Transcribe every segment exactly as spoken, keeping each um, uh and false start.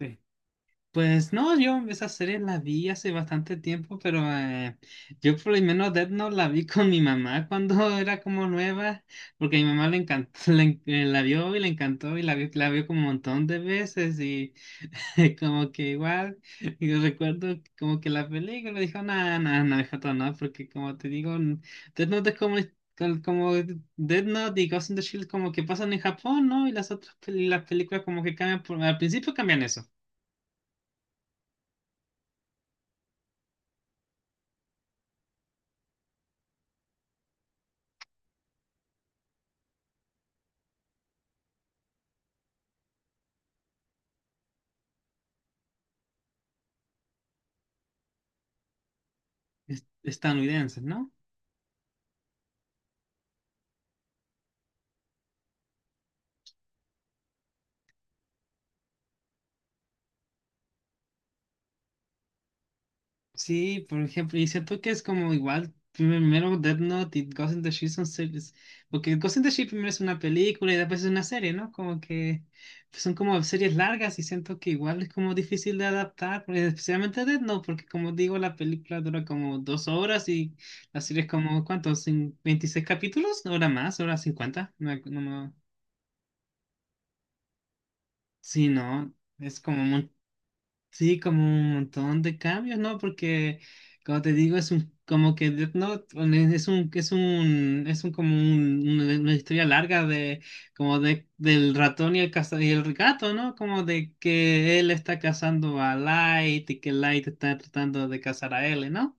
Sí. Pues no, yo esa serie la vi hace bastante tiempo, pero eh, yo por lo menos Death Note la vi con mi mamá cuando era como nueva, porque a mi mamá le encantó, le en- eh, la vio y le encantó y la vio, la vio como un montón de veces y como que igual, yo recuerdo como que la película dijo, nada, nada, no, no, hijata, no, porque como te digo, n- Death Note es como... col- Como Death Note y Ghost in the Shield como que pasan en Japón, ¿no? Y las otras pel- las películas como que cambian por- al principio cambian eso. Es- estadounidenses, ¿no? Sí, por ejemplo, y siento que es como igual, primero Death Note y Ghost in the Shell son series, porque Ghost in the Shell primero es una película y después es una serie, ¿no? Como que pues, son como series largas y siento que igual es como difícil de adaptar, porque especialmente Death Note, porque como digo, la película dura como dos horas y la serie es como, ¿cuántos? ¿Cin- ¿veintiséis capítulos? ¿Hora más? ¿Hora cincuenta? No, me no, me- sí, no, es como. Sí, como un montón de cambios, ¿no? Porque, como te digo, es un, como que Death Note un- es un, es un, es un, como un- una, una historia larga de, como de, del ratón y el, caza- y el gato, ¿no? Como de que él está cazando a Light y que Light está tratando de cazar a él, ¿no?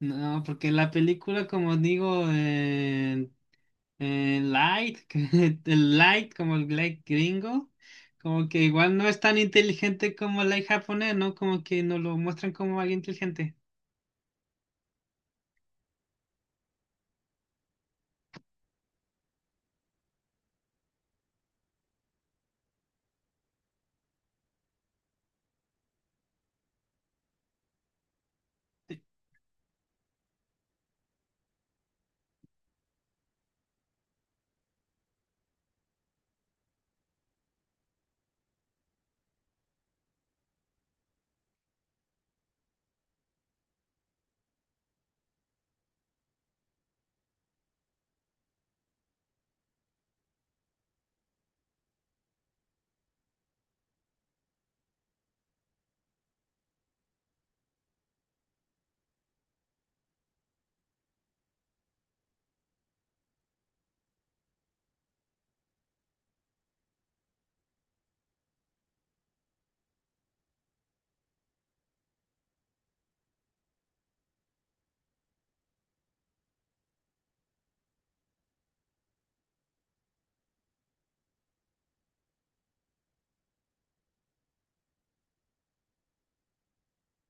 No, porque la película, como digo, eh, Eh, Light, que- el Light, como el Light gringo, como que igual no es tan inteligente como el Light japonés, ¿no? Como que nos lo muestran como alguien inteligente.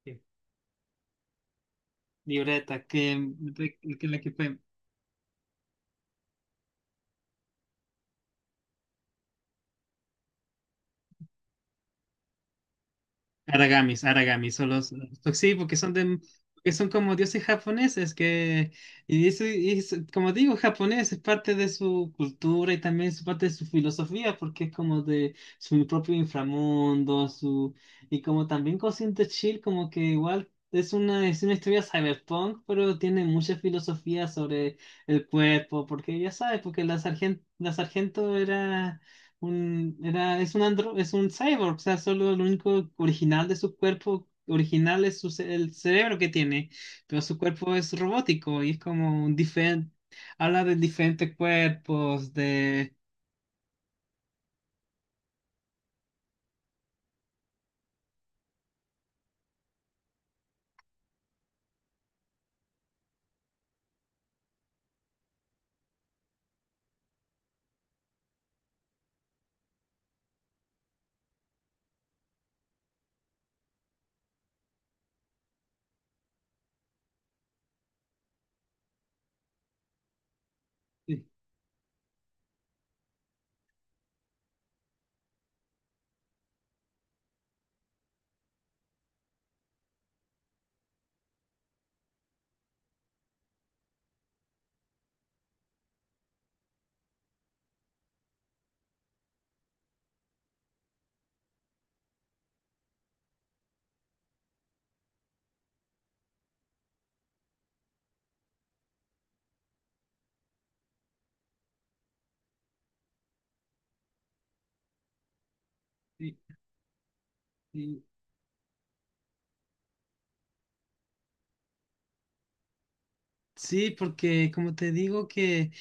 Sí. Libreta, que, de- que la que fue. Aragamis, Aragamis, son los, los- sí, porque son de, que son como dioses japoneses que. Y eso y eso- como digo, japonés es parte de su cultura y también es parte de su filosofía porque es como de su propio inframundo, su. Y como también Ghost de Chill como que igual es una es una historia cyberpunk, pero tiene mucha filosofía sobre el cuerpo, porque ya sabes, porque la sargento la sargento era un, era, es un andro, es un cyborg, o sea, solo lo único original de su cuerpo original es su ce- el cerebro que tiene, pero su cuerpo es robótico y es como un diferente, habla de diferentes cuerpos, de. Sí, porque como te digo que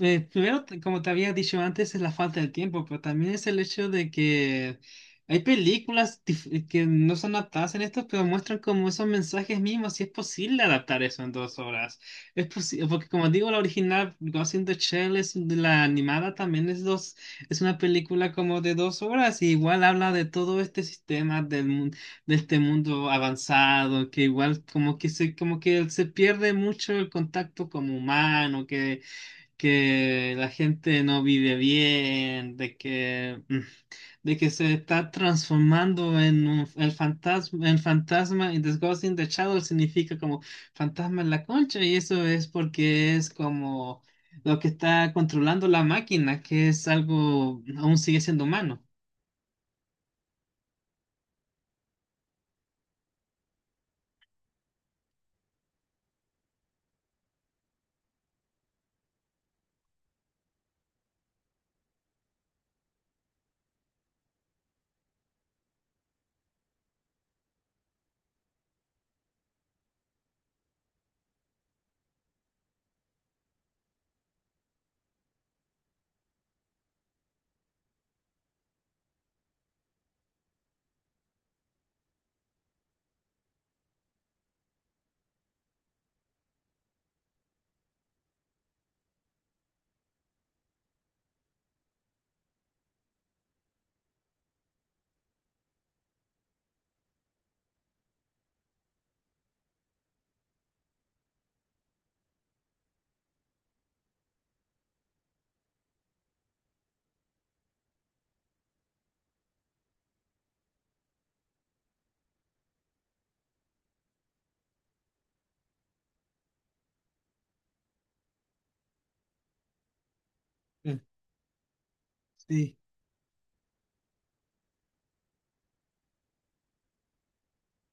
eh, primero, te- como te había dicho antes, es la falta de tiempo, pero también es el hecho de que hay películas dif- eh, que no son adaptadas en esto, pero muestran como esos mensajes mismos, si es posible adaptar eso en dos horas. Es posible, porque como digo, la original Ghost in the Shell es de la animada, también es dos, es una película como de dos horas y igual habla de todo este sistema del mundo, de este mundo avanzado, que igual como que se, como que se pierde mucho el contacto como humano, que, que la gente no vive bien, de que, mm, de que se está transformando en un- el fantasma, en fantasma, y The Ghost in the Shadow significa como fantasma en la concha, y eso es porque es como lo que está controlando la máquina, que es algo, aún sigue siendo humano. Mm. Sí.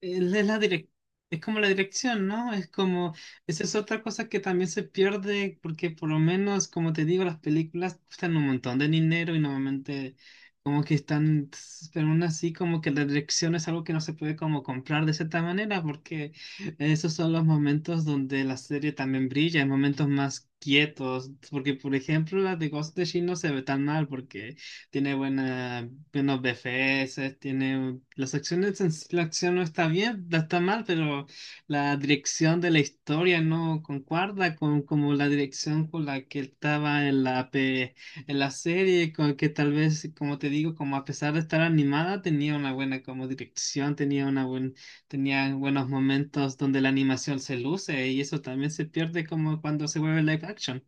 Él Es la direc- Es como la dirección, ¿no? Es como, esa es otra cosa que también se pierde, porque por lo menos, como te digo, las películas cuestan un montón de dinero y normalmente como que están, pero aún así como que la dirección es algo que no se puede como comprar de cierta manera, porque esos son los momentos donde la serie también brilla, en momentos más quietos, porque por ejemplo las de Ghost de Shin no se ve tan mal, porque tiene buena, buenos B F S, tiene las acciones, en sí- la acción no está bien, no está mal, pero la dirección de la historia no concuerda con como la dirección con la que estaba en la pe- en la serie, con que tal vez, como te digo, como a pesar de estar animada, tenía una buena como dirección, tenía una buen, tenía buenos momentos donde la animación se luce y eso también se pierde como cuando se vuelve live action.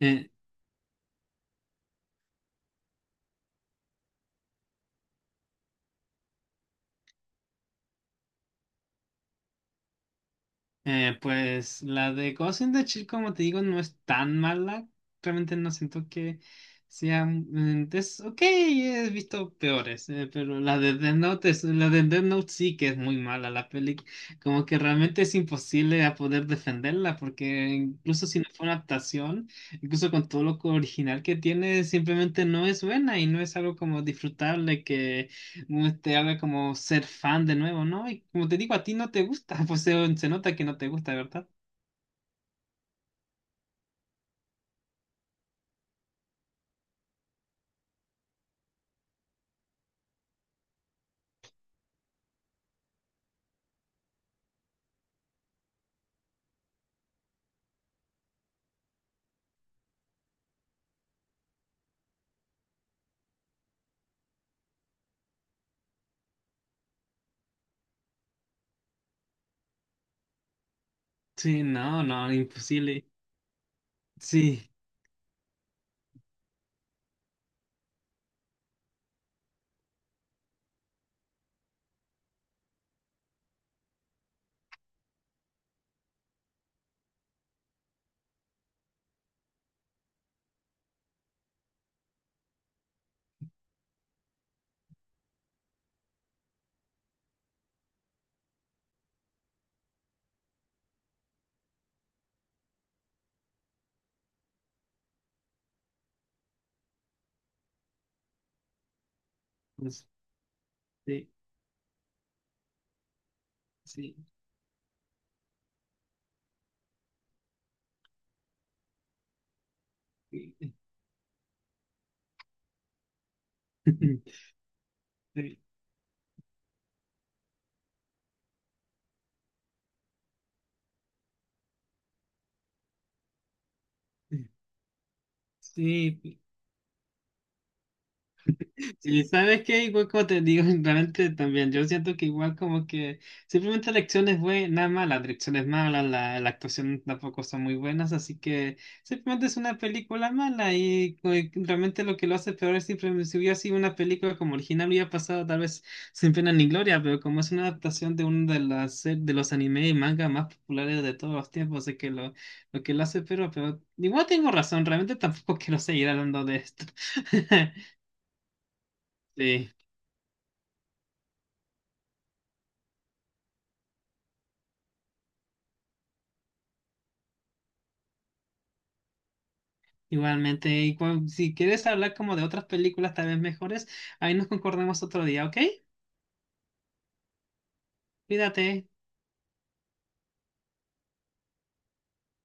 Eh, Eh, pues la de Ghost in the Shell, como te digo, no es tan mala. Realmente no siento que sea. mm, Es ok, he visto peores, eh, pero la de Death Note, es- la de Death Note sí que es muy mala la peli. Como que realmente es imposible a poder defenderla, porque incluso si no fue una adaptación, incluso con todo lo co- original que tiene, simplemente no es buena y no es algo como disfrutable que no te haga como ser fan de nuevo, ¿no? Y como te digo, a ti no te gusta, pues se, se nota que no te gusta, ¿verdad? Sí, no, no, imposible. Sí, pues, sí, sí, sí, sí, sí. Sí, ¿sabes qué? Igual como te digo, realmente también, yo siento que igual como que simplemente la acción es buena, mala, la dirección es mala, la, la actuación tampoco son muy buenas, así que simplemente es una película mala y co- y realmente lo que lo hace peor es simplemente si hubiera sido una película como original hubiera pasado tal vez sin pena ni gloria, pero como es una adaptación de uno de las se- de los anime y manga más populares de todos los tiempos, así que lo, lo que lo hace peor, pero igual tengo razón, realmente tampoco quiero seguir hablando de esto. Sí. Igualmente, y cu- si quieres hablar como de otras películas tal vez mejores, ahí nos concordemos otro día, ¿ok? Cuídate.